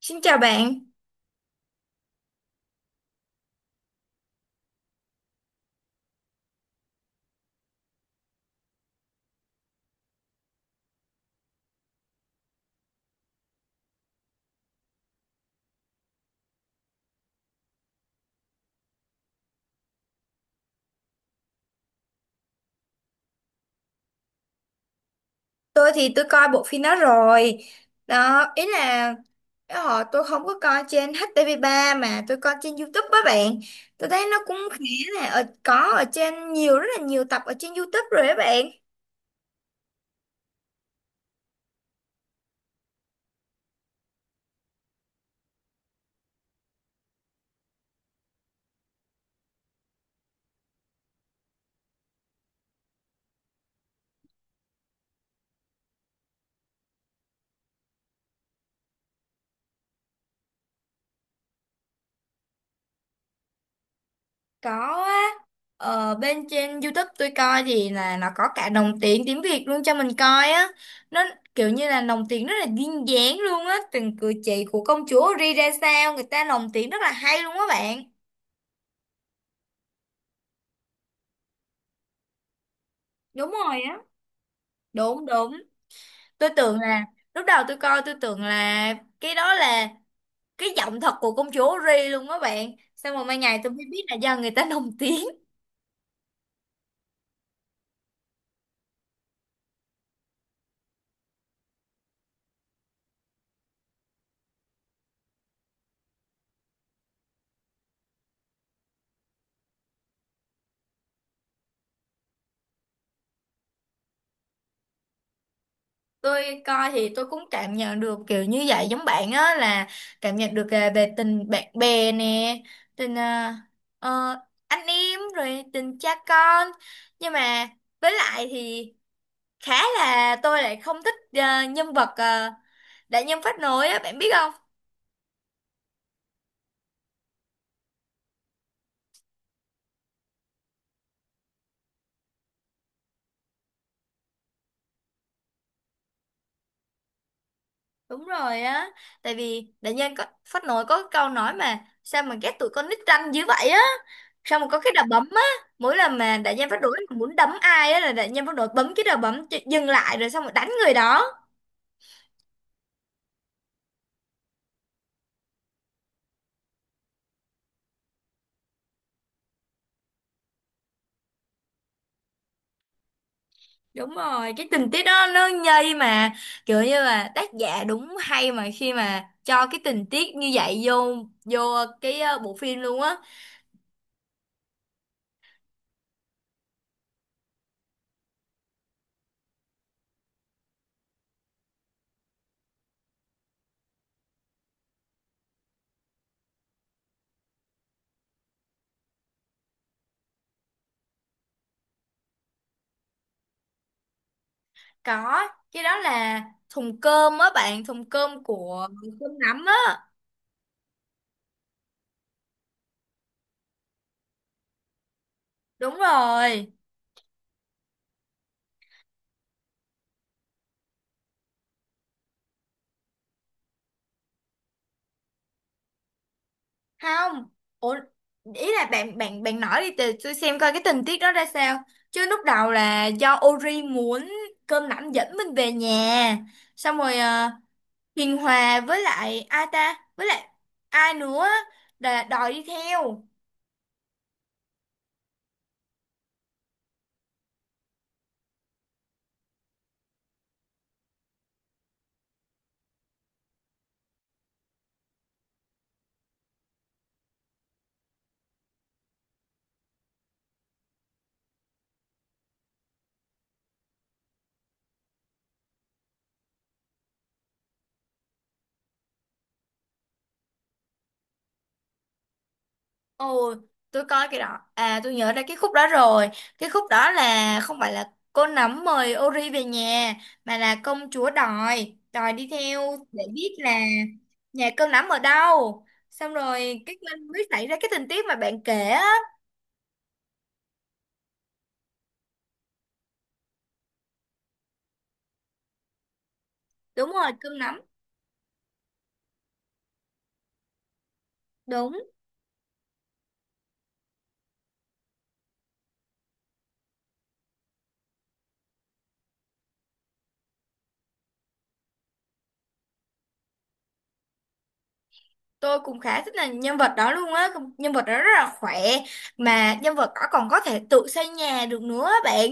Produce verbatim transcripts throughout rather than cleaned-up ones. Xin chào bạn, tôi thì tôi coi bộ phim đó rồi. Đó, ý là cái họ tôi không có coi trên hát tê vê ba mà tôi coi trên YouTube á bạn. Tôi thấy nó cũng khá là ở, có ở trên nhiều rất là nhiều tập ở trên YouTube rồi á bạn. Có á, ở bên trên YouTube tôi coi thì là nó có cả đồng tiền tiếng Việt luôn cho mình coi á. Nó kiểu như là lồng tiếng rất là duyên dáng luôn á, từng cử chỉ của công chúa Ri ra sao, người ta lồng tiếng rất là hay luôn á bạn. Đúng rồi á. Đúng, đúng, tôi tưởng là lúc đầu tôi coi tôi tưởng là cái đó là cái giọng thật của công chúa Ri luôn đó bạn, xong rồi mai ngày tôi mới biết là do người ta lồng tiếng. Tôi coi thì tôi cũng cảm nhận được kiểu như vậy giống bạn á, là cảm nhận được à, về tình bạn bè nè, tình à, ờ, anh em rồi tình cha con. Nhưng mà với lại thì khá là tôi lại không thích à, nhân vật uh, đại nhân phát nổi á bạn biết không. Đúng rồi á, tại vì đại nhân có phát nổi có cái câu nói mà sao mà ghét tụi con nít ranh dữ vậy á, sao mà có cái đòn bấm á, mỗi lần mà đại nhân phát nổi muốn đấm ai á là đại nhân phát nổi bấm cái đòn bấm cho- dừng lại rồi xong rồi đánh người đó. Đúng rồi, cái tình tiết đó nó nhây mà, kiểu như là tác giả đúng hay mà khi mà cho cái tình tiết như vậy vô vô cái ờ, bộ phim luôn á. Có, cái đó là thùng cơm á bạn, thùng cơm của cơm nắm á. Đúng rồi. Không. Ủa, ý là bạn bạn bạn nói đi từ tôi xem coi cái tình tiết đó ra sao, chứ lúc đầu là do Ori muốn cơm nắm dẫn mình về nhà xong rồi, ờ, Hiền Hòa với lại ai ta với lại ai nữa á, là đòi đi theo. Ồ, tôi coi cái đó. À, tôi nhớ ra cái khúc đó rồi. Cái khúc đó là không phải là cô nấm mời Ori về nhà, mà là công chúa đòi, đòi đi theo để biết là nhà cô nấm ở đâu. Xong rồi cái mình mới xảy ra cái tình tiết mà bạn kể á. Đúng rồi, cơm nấm. Đúng. Tôi cũng khá thích là nhân vật đó luôn á. Không- nhân vật đó rất là khỏe mà nhân vật đó còn có thể tự xây nhà được nữa á bạn.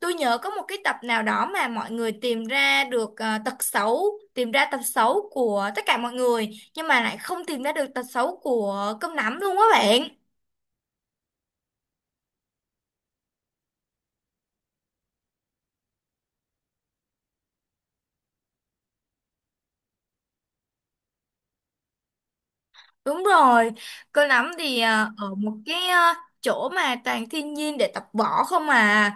Tôi nhớ có một cái tập nào đó mà mọi người tìm ra được ờ, tật xấu, tìm ra tật xấu của tất cả mọi người nhưng mà lại không tìm ra được tật xấu của cơm nắm luôn á bạn. Đúng rồi, cơm nắm thì ờ, ở một cái ờ, chỗ mà toàn thiên nhiên để tập võ không à.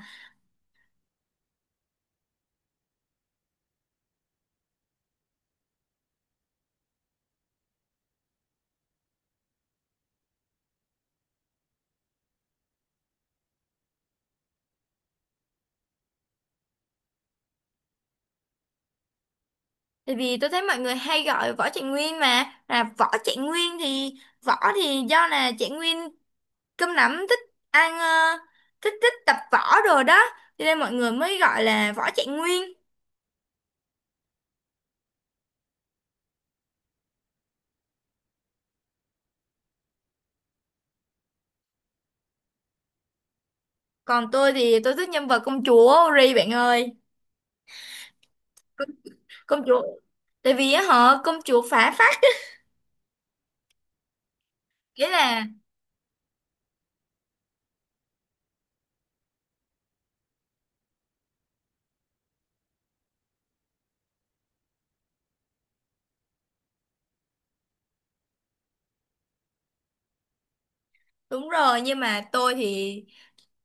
Tại vì tôi thấy mọi người hay gọi Võ Trạng Nguyên mà, là Võ Trạng Nguyên thì Võ thì do là Trạng Nguyên, cơm nắm thích ăn ờ, thích thích tập võ rồi đó, cho nên mọi người mới gọi là Võ Trạng Nguyên. Còn tôi thì tôi thích nhân vật công chúa Ri bạn ơi. Công chúa Tại vì á họ công chúa phá phách, nghĩa là... Đúng rồi, nhưng mà tôi thì,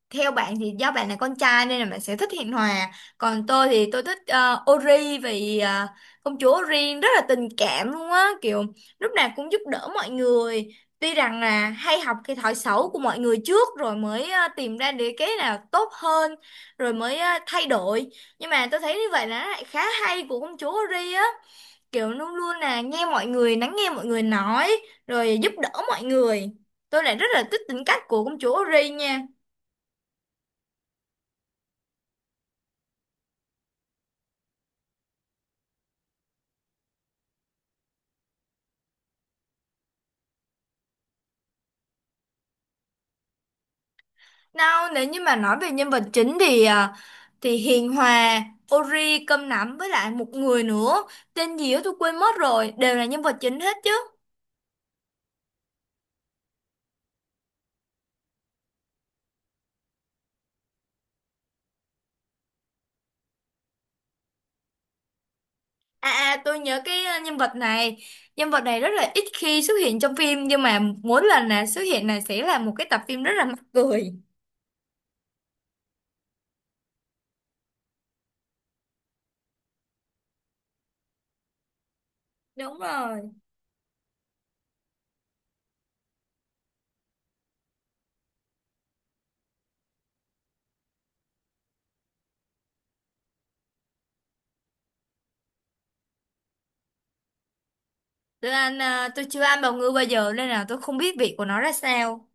theo bạn thì do bạn là con trai nên là bạn sẽ thích Hiền Hòa, còn tôi thì tôi thích ờ, Ori vì ờ, công chúa Ori rất là tình cảm luôn á, kiểu lúc nào cũng giúp đỡ mọi người, tuy rằng là hay học cái thói xấu của mọi người trước rồi mới ờ, tìm ra được cái nào tốt hơn rồi mới ờ, thay đổi. Nhưng mà tôi thấy như vậy là nó lại khá hay của công chúa Ori á, kiểu luôn luôn là nghe mọi người, lắng nghe mọi người nói rồi giúp đỡ mọi người. Tôi lại rất là thích tính cách của công chúa Ori nha. Nào, nếu như mà nói về nhân vật chính thì à, thì Hiền Hòa, Ori, Cơm Nắm với lại một người nữa tên gì đó tôi quên mất rồi đều là nhân vật chính hết chứ. À, à, tôi nhớ cái à, nhân vật này. Nhân vật này rất là ít khi xuất hiện trong phim nhưng mà mỗi lần là xuất hiện này sẽ là một cái tập phim rất là mắc cười. Đúng rồi. Tôi ăn à, tôi chưa ăn bào ngư bao giờ nên là tôi không biết vị của nó ra sao.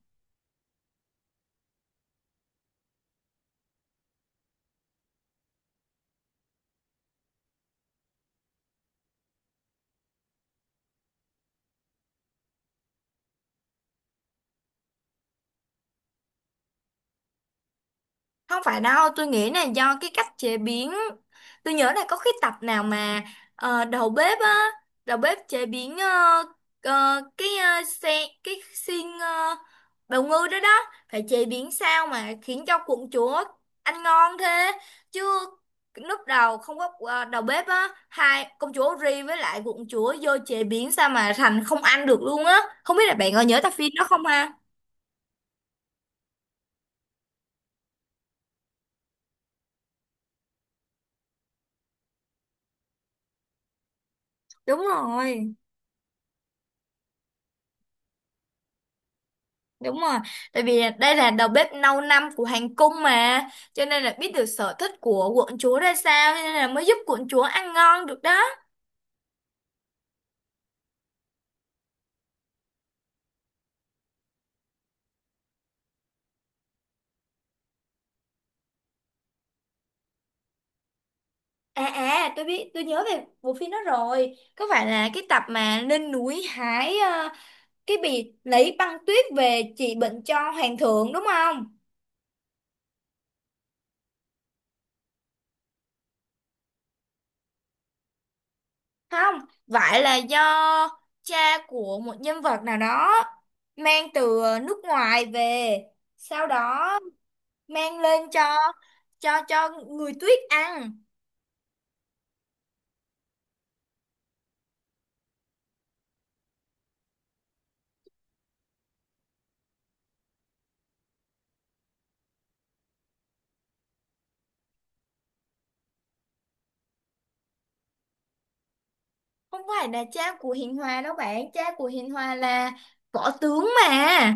Không phải đâu, tôi nghĩ là do cái cách chế biến. Tôi nhớ là có cái tập nào mà ờ, đầu bếp á, đầu bếp chế biến ờ, ờ, cái ờ, xe cái xiên ờ, bào ngư đó đó, phải chế biến sao mà khiến cho quận chúa ăn ngon thế. Chứ lúc đầu không có ờ, đầu bếp á, hai công chúa Ri với lại quận chúa vô chế biến sao mà thành không ăn được luôn á. Không biết là bạn có nhớ tập phim đó không ha? Đúng rồi. Đúng rồi, tại vì đây là đầu bếp lâu năm của hoàng cung mà, cho nên là biết được sở thích của quận chúa ra sao, cho nên là mới giúp quận chúa ăn ngon được đó. À, à, tôi biết, tôi nhớ về bộ phim đó rồi. Có phải là cái tập mà lên núi hái ờ, cái bì lấy băng tuyết về trị bệnh cho hoàng thượng đúng không? Không, phải là do cha của một nhân vật nào đó mang từ nước ngoài về, sau đó mang lên cho cho cho người tuyết ăn. Không phải là cha của Hiền Hòa đâu bạn, cha của Hiền Hòa là võ tướng mà.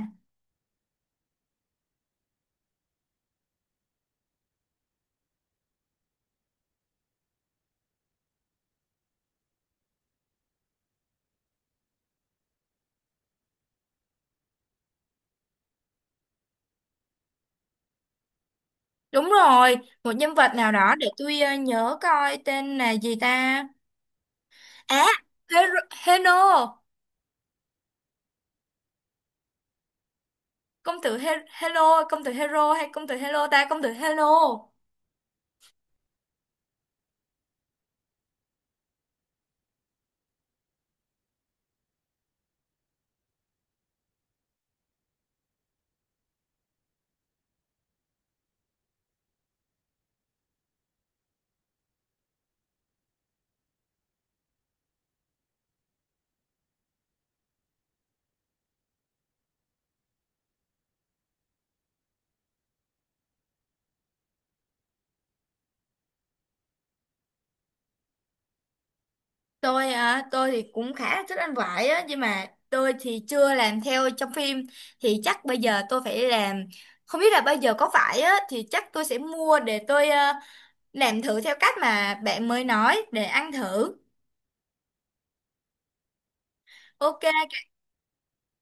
Đúng rồi, một nhân vật nào đó, để tôi ờ, nhớ coi tên là gì ta. À, Hero, Heno. Công tử He Hello, công tử Hero hay công tử Hello ta, công tử Hello. Tôi à, tôi thì cũng khá là thích ăn vải á nhưng mà tôi thì chưa làm theo trong phim, thì chắc bây giờ tôi phải làm. Không biết là bây giờ có vải á thì chắc tôi sẽ mua để tôi à, làm thử theo cách mà bạn mới nói để ăn thử. OK.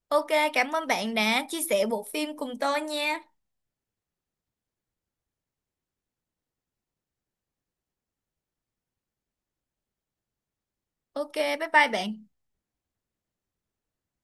OK, cảm ơn bạn đã chia sẻ bộ phim cùng tôi nha. OK, bye bye bạn.